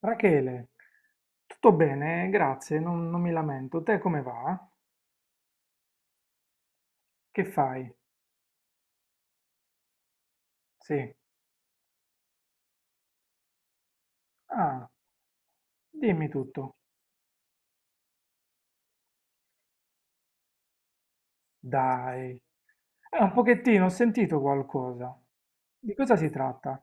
Rachele, tutto bene? Grazie, non mi lamento. Te come va? Che fai? Sì. Ah, dimmi tutto. Dai. Un pochettino, ho sentito qualcosa. Di cosa si tratta?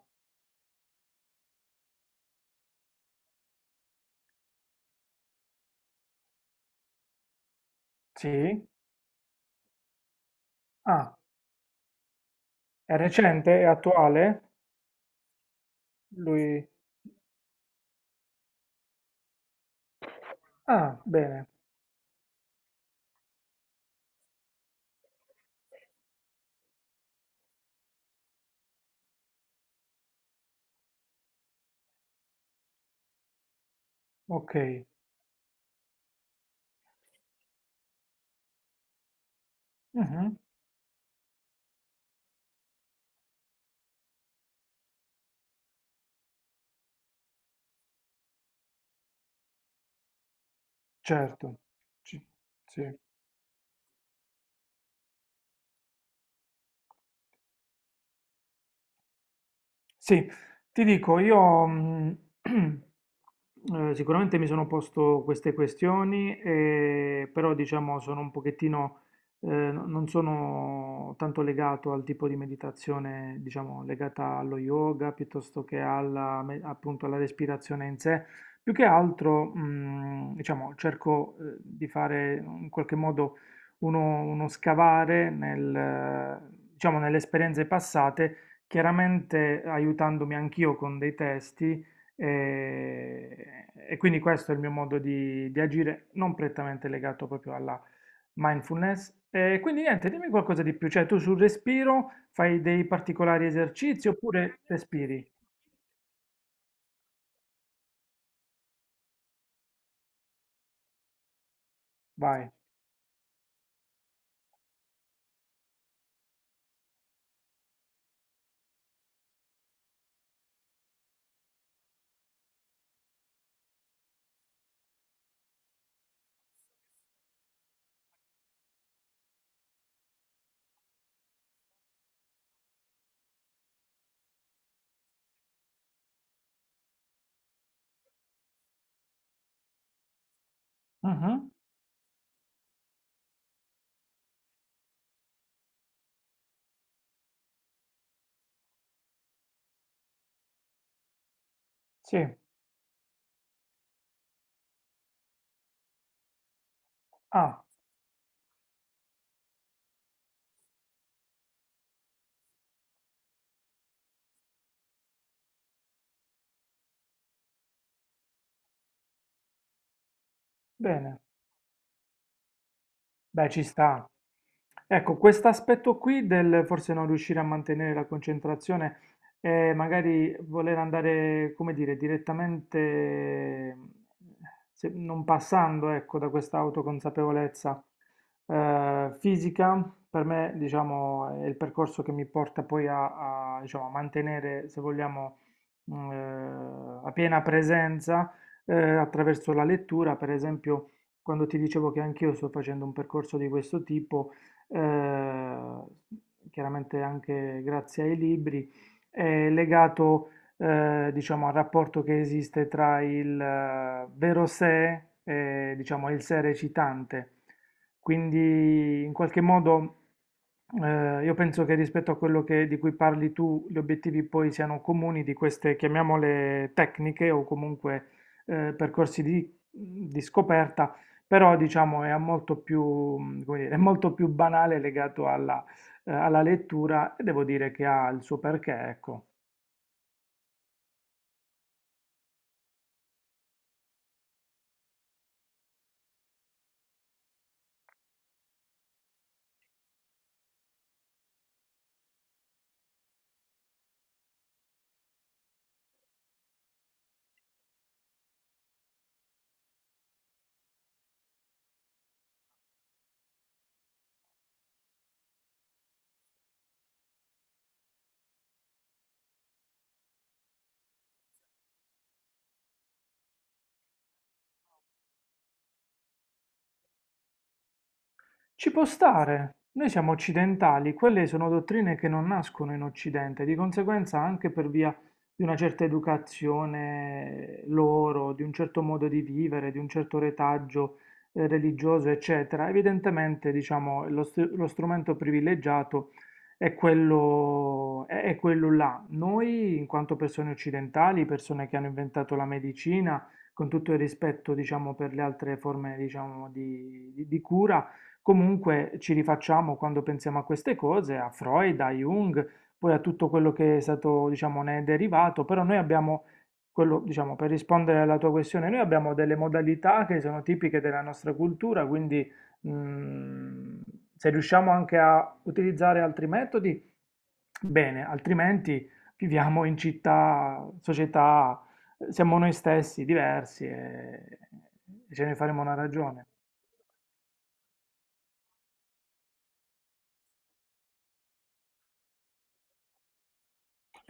Sì. Ah, è recente? È attuale? Lui... Ah, bene, ok. Mhm. Certo. Ci- Sì. Sì, ti dico, io sicuramente mi sono posto queste questioni, però diciamo sono un pochettino, non sono tanto legato al tipo di meditazione, diciamo, legata allo yoga piuttosto che alla, appunto alla respirazione in sé. Più che altro, diciamo, cerco, di fare in qualche modo uno scavare nel, diciamo, nelle esperienze passate, chiaramente aiutandomi anch'io con dei testi e quindi questo è il mio modo di agire, non prettamente legato proprio alla mindfulness. E quindi niente, dimmi qualcosa di più, cioè tu sul respiro fai dei particolari esercizi oppure respiri? Vai. Mhm. Sì, ah, bene. Beh, ci sta. Ecco, quest'aspetto qui del forse non riuscire a mantenere la concentrazione e magari voler andare, come dire, direttamente, non passando, ecco, da questa autoconsapevolezza fisica, per me, diciamo, è il percorso che mi porta poi diciamo, a mantenere, se vogliamo, a piena presenza attraverso la lettura, per esempio, quando ti dicevo che anch'io sto facendo un percorso di questo tipo, eh, chiaramente anche grazie ai libri, è legato, diciamo, al rapporto che esiste tra il vero sé e, diciamo, il sé recitante. Quindi, in qualche modo, io penso che rispetto a quello di cui parli tu, gli obiettivi poi siano comuni di queste, chiamiamole tecniche o comunque percorsi di scoperta, però diciamo è molto più, come dire, è molto più banale legato alla, alla lettura, e devo dire che ha il suo perché, ecco. Ci può stare. Noi siamo occidentali, quelle sono dottrine che non nascono in Occidente, di conseguenza anche per via di una certa educazione loro, di un certo modo di vivere, di un certo retaggio religioso, eccetera. Evidentemente, diciamo, lo strumento privilegiato è quello, è quello là. Noi, in quanto persone occidentali, persone che hanno inventato la medicina, con tutto il rispetto, diciamo, per le altre forme, diciamo, di cura, comunque ci rifacciamo quando pensiamo a queste cose, a Freud, a Jung, poi a tutto quello che è stato, diciamo, ne è derivato, però noi abbiamo, quello, diciamo, per rispondere alla tua questione, noi abbiamo delle modalità che sono tipiche della nostra cultura, quindi mm, se riusciamo anche a utilizzare altri metodi, bene, altrimenti viviamo in città, società, siamo noi stessi diversi e ce ne faremo una ragione.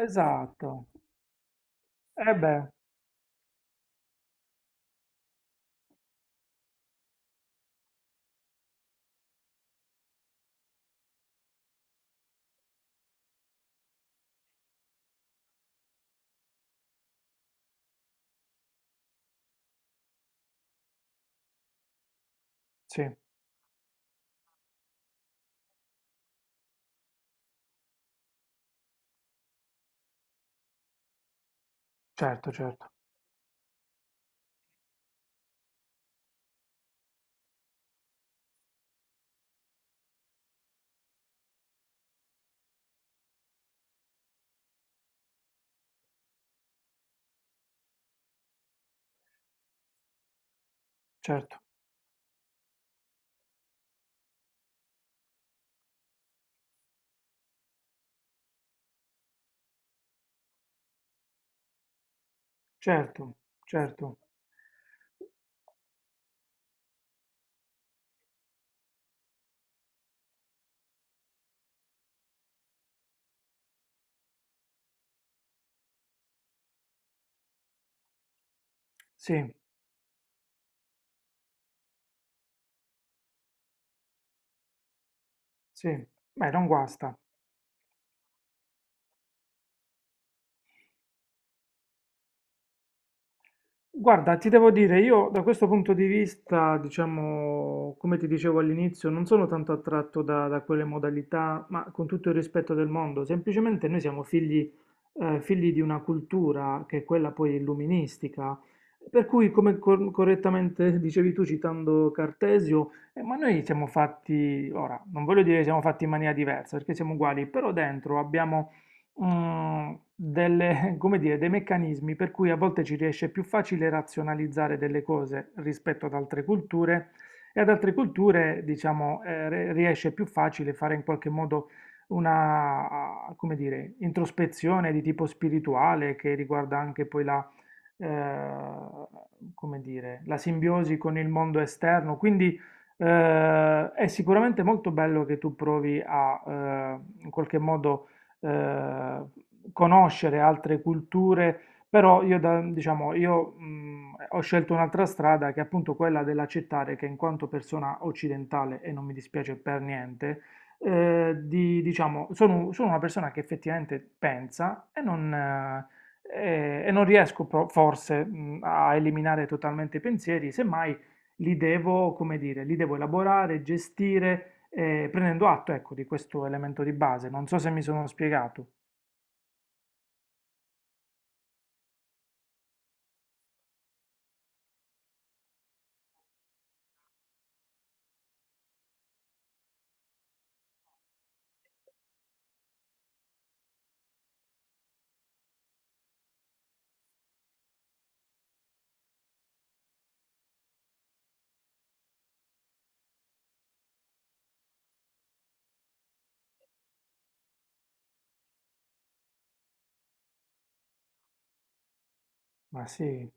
Esatto. E beh. Sì, certo, certo, certo, certo, certo, sì, sì, beh, non guasta. Guarda, ti devo dire, io da questo punto di vista, diciamo, come ti dicevo all'inizio, non sono tanto attratto da quelle modalità, ma con tutto il rispetto del mondo, semplicemente noi siamo figli, figli di una cultura che è quella poi illuministica, per cui, come correttamente dicevi tu citando Cartesio, ma noi siamo fatti, ora, non voglio dire siamo fatti in maniera diversa, perché siamo uguali, però dentro abbiamo delle, come dire, dei meccanismi per cui a volte ci riesce più facile razionalizzare delle cose rispetto ad altre culture, e ad altre culture, diciamo, riesce più facile fare in qualche modo una, come dire, introspezione di tipo spirituale che riguarda anche poi la, come dire, la simbiosi con il mondo esterno. Quindi è sicuramente molto bello che tu provi a, in qualche modo, eh, conoscere altre culture, però io, diciamo, io ho scelto un'altra strada che è appunto quella dell'accettare che in quanto persona occidentale, e non mi dispiace per niente, diciamo, sono una persona che effettivamente pensa e non, e non riesco pro- forse a eliminare totalmente i pensieri, semmai li devo elaborare, gestire, prendendo atto, ecco, di questo elemento di base. Non so se mi sono spiegato, ma sì.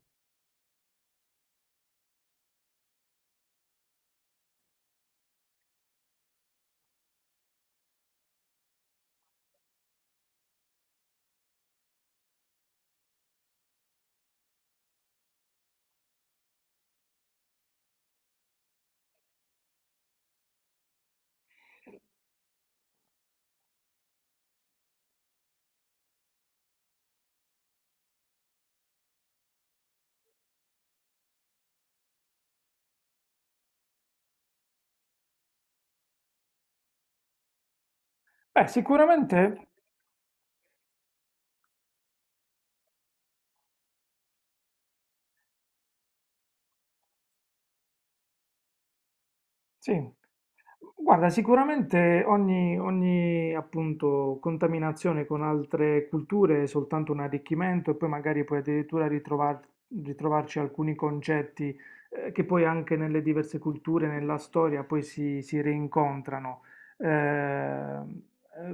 Beh, sicuramente sì. Guarda, sicuramente ogni, appunto, contaminazione con altre culture è soltanto un arricchimento, e poi magari puoi addirittura ritrovarci alcuni concetti che poi anche nelle diverse culture, nella storia, poi si rincontrano. Eh, eh,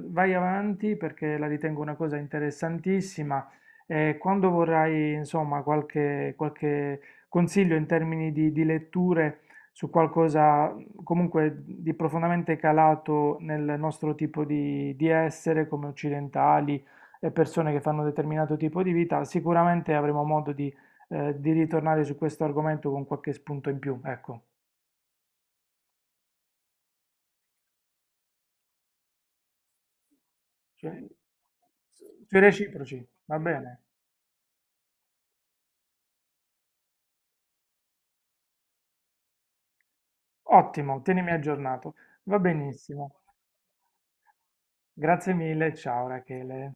vai avanti perché la ritengo una cosa interessantissima, e quando vorrai, insomma, qualche consiglio in termini di letture su qualcosa comunque di profondamente calato nel nostro tipo di essere come occidentali e persone che fanno un determinato tipo di vita, sicuramente avremo modo di ritornare su questo argomento con qualche spunto in più, ecco, sui reciproci, va bene? Ottimo, tienimi aggiornato, va benissimo. Grazie mille, ciao Rachele.